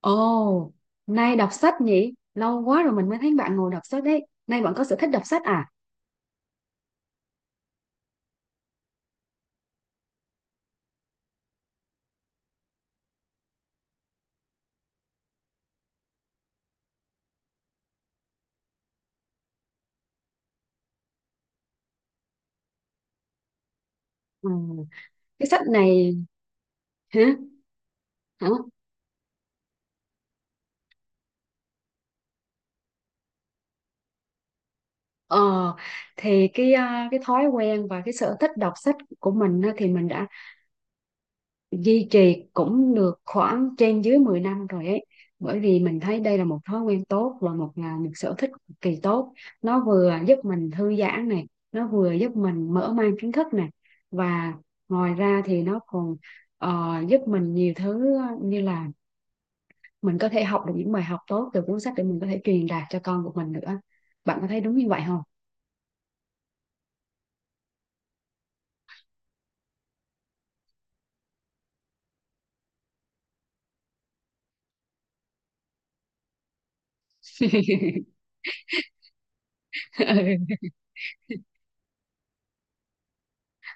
Ồ, nay đọc sách nhỉ? Lâu quá rồi mình mới thấy bạn ngồi đọc sách đấy. Nay bạn có sở thích đọc sách à? Ừ. Cái sách này hả? Hả? Ờ, thì cái thói quen và cái sở thích đọc sách của mình á, thì mình đã duy trì cũng được khoảng trên dưới 10 năm rồi ấy. Bởi vì mình thấy đây là một thói quen tốt và là một sở thích cực kỳ tốt. Nó vừa giúp mình thư giãn này, nó vừa giúp mình mở mang kiến thức này, và ngoài ra thì nó còn giúp mình nhiều thứ, như là mình có thể học được những bài học tốt từ cuốn sách để mình có thể truyền đạt cho con của mình nữa. Bạn có thấy đúng như vậy không? Ừ.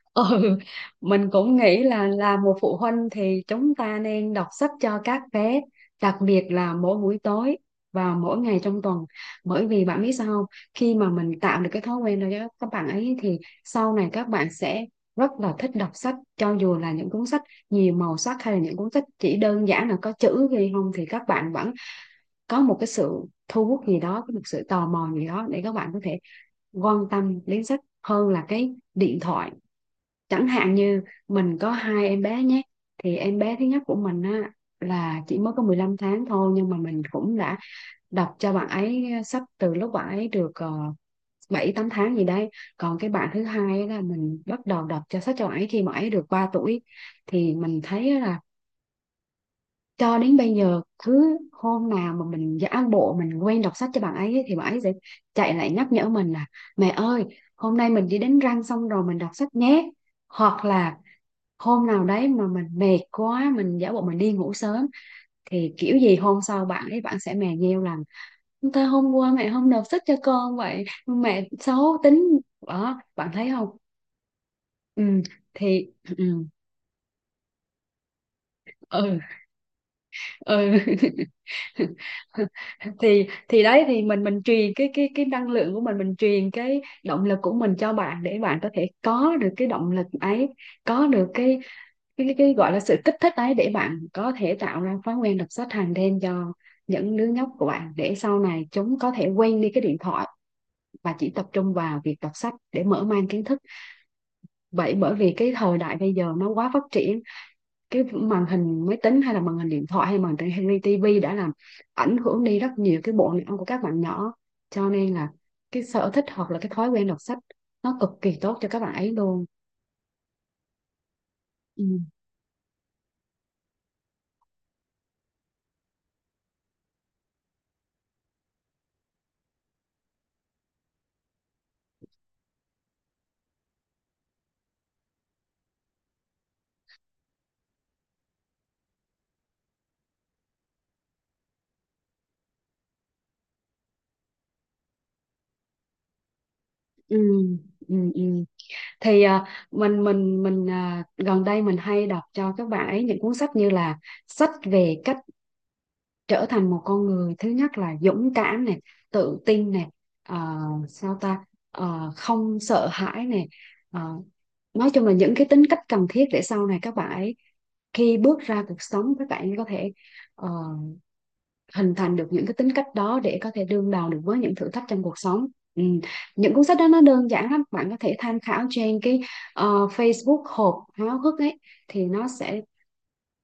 Ừ, mình cũng nghĩ là một phụ huynh thì chúng ta nên đọc sách cho các bé, đặc biệt là mỗi buổi tối và mỗi ngày trong tuần. Bởi vì bạn biết sao không? Khi mà mình tạo được cái thói quen đó cho các bạn ấy thì sau này các bạn sẽ rất là thích đọc sách, cho dù là những cuốn sách nhiều màu sắc hay là những cuốn sách chỉ đơn giản là có chữ ghi không, thì các bạn vẫn có một cái sự thu hút gì đó, có một sự tò mò gì đó để các bạn có thể quan tâm đến sách hơn là cái điện thoại. Chẳng hạn như mình có hai em bé nhé, thì em bé thứ nhất của mình á là chỉ mới có 15 tháng thôi, nhưng mà mình cũng đã đọc cho bạn ấy sách từ lúc bạn ấy được uh, 7 8 tháng gì đấy. Còn cái bạn thứ hai á là mình bắt đầu đọc cho sách cho bạn ấy khi mà ấy được 3 tuổi, thì mình thấy là cho đến bây giờ cứ hôm nào mà mình giả bộ mình quên đọc sách cho bạn ấy ấy, thì bạn ấy sẽ chạy lại nhắc nhở mình là mẹ ơi, hôm nay mình đi đánh răng xong rồi mình đọc sách nhé. Hoặc là hôm nào đấy mà mình mệt quá mình giả bộ mình đi ngủ sớm, thì kiểu gì hôm sau bạn sẽ mè nheo rằng ta hôm qua mẹ không nộp sách cho con, vậy mẹ xấu tính. Đó, bạn thấy không? Ừ thì ừ, ừ, ừ. Thì đấy, thì mình truyền cái năng lượng của mình truyền cái động lực của mình cho bạn để bạn có thể có được cái động lực ấy, có được cái gọi là sự kích thích ấy để bạn có thể tạo ra thói quen đọc sách hàng đêm cho những đứa nhóc của bạn để sau này chúng có thể quên đi cái điện thoại và chỉ tập trung vào việc đọc sách để mở mang kiến thức. Vậy bởi vì cái thời đại bây giờ nó quá phát triển, cái màn hình máy tính hay là màn hình điện thoại hay màn hình tivi đã làm ảnh hưởng đi rất nhiều cái bộ não của các bạn nhỏ, cho nên là cái sở thích hoặc là cái thói quen đọc sách nó cực kỳ tốt cho các bạn ấy luôn. Ừ, ừ, ừ, ừ. Thì mình gần đây mình hay đọc cho các bạn ấy những cuốn sách như là sách về cách trở thành một con người thứ nhất là dũng cảm này, tự tin này, ờ, sao ta, không sợ hãi này, Ờ, nói chung là những cái tính cách cần thiết để sau này các bạn ấy khi bước ra cuộc sống các bạn ấy có thể ờ, hình thành được những cái tính cách đó để có thể đương đầu được với những thử thách trong cuộc sống. Ừ. Những cuốn sách đó nó đơn giản lắm, bạn có thể tham khảo trên cái Facebook hộp háo hức ấy, thì nó sẽ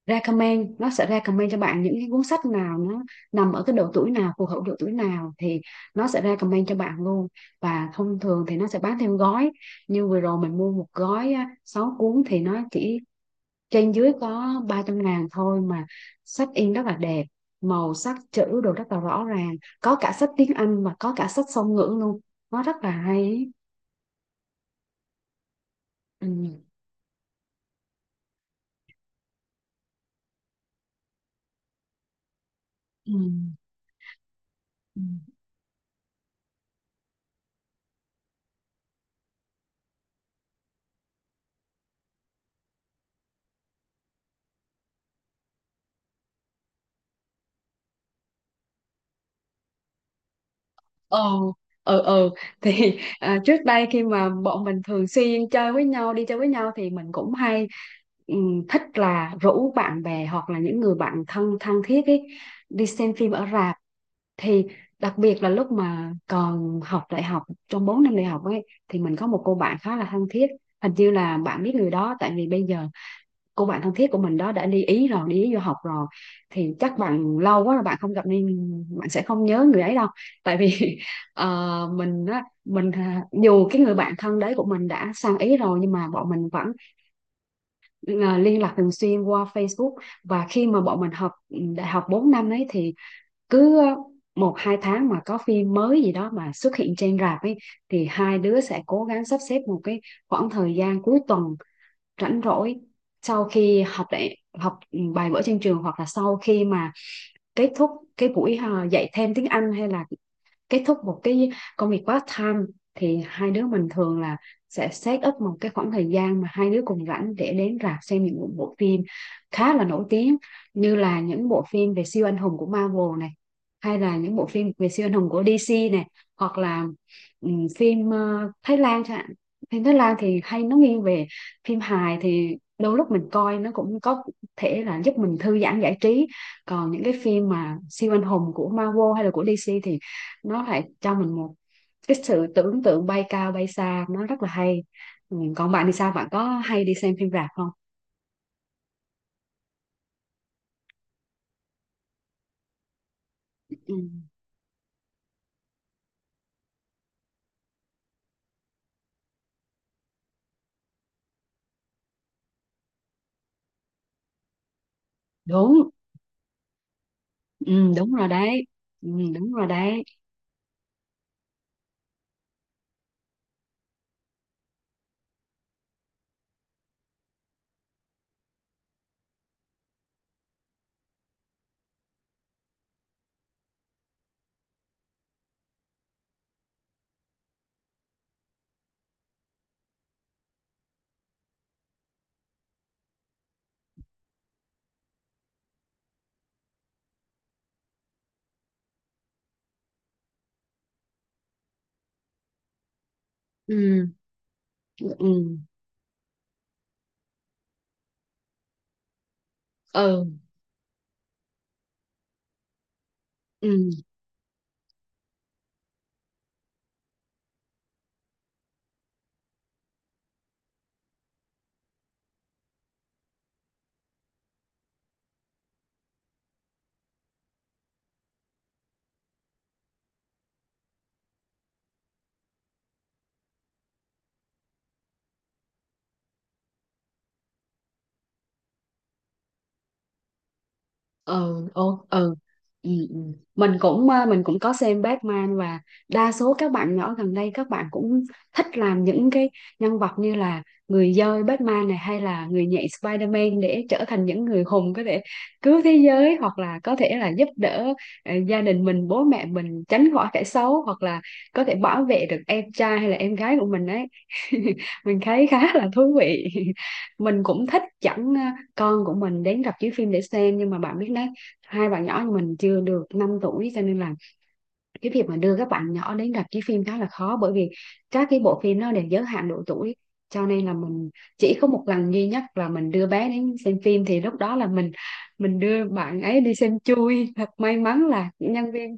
recommend, cho bạn những cái cuốn sách nào nó nằm ở cái độ tuổi nào phù hợp, độ tuổi nào thì nó sẽ recommend cho bạn luôn. Và thông thường thì nó sẽ bán theo gói, như vừa rồi mình mua một gói á, 6 cuốn thì nó chỉ trên dưới có 300.000 thôi mà. Sách in rất là đẹp, màu sắc chữ đồ rất là rõ ràng, có cả sách tiếng Anh và có cả sách song ngữ luôn. Nó rất là hay ý. Ừ. Ừ. Ừ. Ồ, ừ, ừ. Thì trước đây khi mà bọn mình thường xuyên chơi với nhau, đi chơi với nhau thì mình cũng hay thích là rủ bạn bè hoặc là những người bạn thân thân thiết ấy đi xem phim ở rạp. Thì đặc biệt là lúc mà còn học đại học, trong 4 năm đại học ấy thì mình có một cô bạn khá là thân thiết, hình như là bạn biết người đó, tại vì bây giờ cô bạn thân thiết của mình đó đã đi Ý du học rồi, thì chắc bạn lâu quá là bạn không gặp nên bạn sẽ không nhớ người ấy đâu. Tại vì ờ, mình á mình à, dù cái người bạn thân đấy của mình đã sang Ý rồi nhưng mà bọn mình vẫn liên lạc thường xuyên qua Facebook. Và khi mà bọn mình học đại học 4 năm ấy thì cứ một hai tháng mà có phim mới gì đó mà xuất hiện trên rạp ấy, thì hai đứa sẽ cố gắng sắp xếp một cái khoảng thời gian cuối tuần rảnh rỗi sau khi học đại học bài vở trên trường hoặc là sau khi mà kết thúc cái buổi dạy thêm tiếng Anh hay là kết thúc một cái công việc part time, thì hai đứa mình thường là sẽ set up một cái khoảng thời gian mà hai đứa cùng rảnh để đến rạp xem những bộ phim khá là nổi tiếng như là những bộ phim về siêu anh hùng của Marvel này hay là những bộ phim về siêu anh hùng của DC này, hoặc là phim Thái Lan chẳng hạn. Phim Thái Lan thì hay nó nghiêng về phim hài, thì đôi lúc mình coi nó cũng có thể là giúp mình thư giãn giải trí. Còn những cái phim mà siêu anh hùng của Marvel hay là của DC thì nó lại cho mình một cái sự tưởng tượng bay cao bay xa, nó rất là hay. Ừ. Còn bạn thì sao, bạn có hay đi xem phim rạp không? Ừ. Đúng. Ừ, đúng rồi đấy. Ừ, đúng rồi đấy. Ừ. Ừ. Ừ, ừ. Ừ, ô, ừ, ừ, ừ. Mình cũng có xem Batman, và đa số các bạn nhỏ gần đây các bạn cũng thích làm những cái nhân vật như là người dơi Batman này hay là người nhện Spider-Man để trở thành những người hùng có thể cứu thế giới hoặc là có thể là giúp đỡ gia đình mình, bố mẹ mình tránh khỏi kẻ xấu, hoặc là có thể bảo vệ được em trai hay là em gái của mình ấy. Mình thấy khá là thú vị. Mình cũng thích chẳng con của mình đến rạp chiếu phim để xem, nhưng mà bạn biết đấy, hai bạn nhỏ của mình chưa được 5 tuổi cho nên là cái việc mà đưa các bạn nhỏ đến rạp chiếu phim khá là khó. Bởi vì các cái bộ phim nó đều giới hạn độ tuổi, cho nên là mình chỉ có một lần duy nhất là mình đưa bé đến xem phim thì lúc đó là mình đưa bạn ấy đi xem chui. Thật may mắn là nhân viên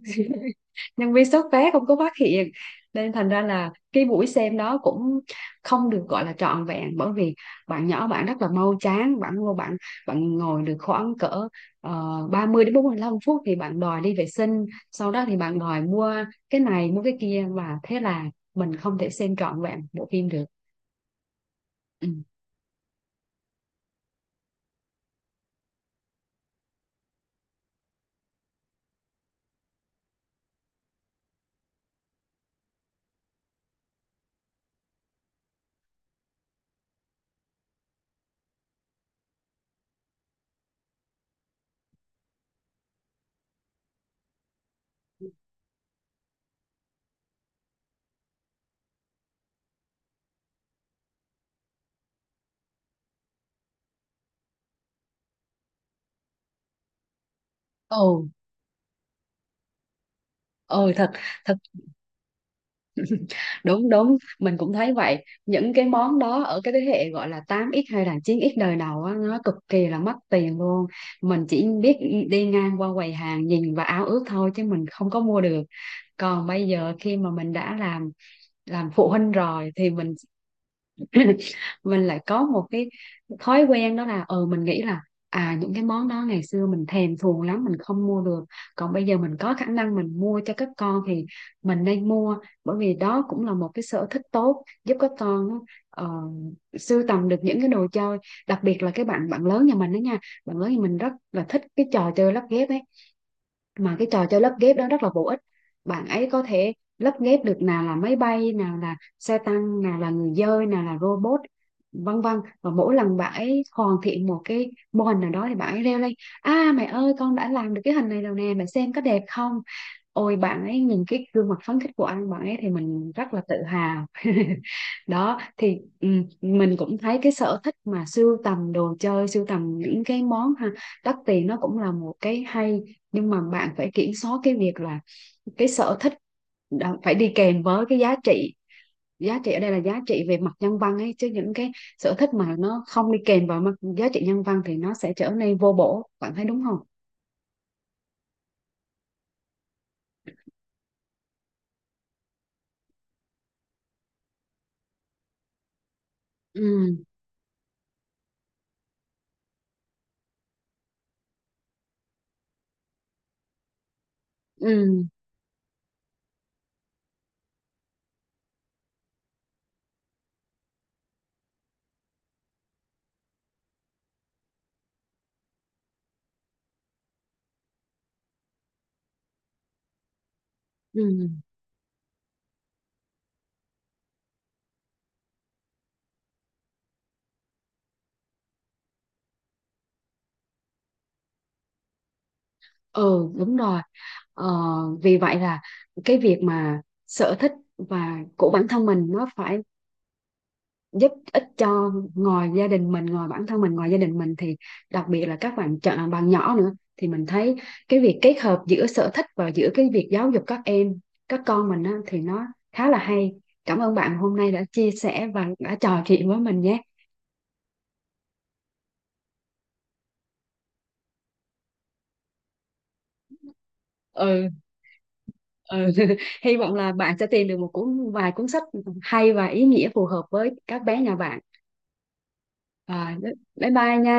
nhân viên soát vé không có phát hiện, nên thành ra là cái buổi xem đó cũng không được gọi là trọn vẹn, bởi vì bạn nhỏ bạn rất là mau chán, bạn ngồi được khoảng cỡ 30 đến 45 phút thì bạn đòi đi vệ sinh, sau đó thì bạn đòi mua cái này mua cái kia, và thế là mình không thể xem trọn vẹn bộ phim được. Ừ. Ồ, ừ, thật thật. Đúng đúng, mình cũng thấy vậy. Những cái món đó ở cái thế hệ gọi là 8x hay là 9x đời đầu á, nó cực kỳ là mất tiền luôn. Mình chỉ biết đi ngang qua quầy hàng nhìn và ao ước thôi chứ mình không có mua được. Còn bây giờ khi mà mình đã làm phụ huynh rồi thì mình mình lại có một cái thói quen, đó là mình nghĩ là những cái món đó ngày xưa mình thèm thuồng lắm mình không mua được, còn bây giờ mình có khả năng mình mua cho các con thì mình nên mua. Bởi vì đó cũng là một cái sở thích tốt giúp các con ờ, sưu tầm được những cái đồ chơi. Đặc biệt là cái bạn bạn lớn nhà mình đó nha, bạn lớn nhà mình rất là thích cái trò chơi lắp ghép ấy, mà cái trò chơi lắp ghép đó rất là bổ ích. Bạn ấy có thể lắp ghép được nào là máy bay, nào là xe tăng, nào là người dơi, nào là robot, vân vân. Và mỗi lần bạn ấy hoàn thiện một cái mô hình nào đó thì bạn ấy reo lên: à mẹ ơi, con đã làm được cái hình này rồi nè, mẹ xem có đẹp không. Ôi, bạn ấy nhìn cái gương mặt phấn khích của anh bạn ấy thì mình rất là tự hào. Đó, thì mình cũng thấy cái sở thích mà sưu tầm đồ chơi, sưu tầm những cái món ha đắt tiền, nó cũng là một cái hay. Nhưng mà bạn phải kiểm soát cái việc là cái sở thích phải đi kèm với cái giá trị. Giá trị ở đây là giá trị về mặt nhân văn ấy, chứ những cái sở thích mà nó không đi kèm vào mặt giá trị nhân văn thì nó sẽ trở nên vô bổ, bạn thấy đúng không? Ừ, ừ, ừ, ừ, đúng rồi. ờ, vì vậy là cái việc mà sở thích và của bản thân mình nó phải giúp ích cho ngoài gia đình mình, ngoài bản thân mình, ngoài gia đình mình thì đặc biệt là các bạn chọn bạn nhỏ nữa. Thì mình thấy cái việc kết hợp giữa sở thích và giữa cái việc giáo dục các em, các con mình á, thì nó khá là hay. Cảm ơn bạn hôm nay đã chia sẻ và đã trò chuyện với mình nhé. Ừ, ừ. Hy vọng là bạn sẽ tìm được một cuốn vài cuốn sách hay và ý nghĩa phù hợp với các bé nhà bạn. à, bye bye nha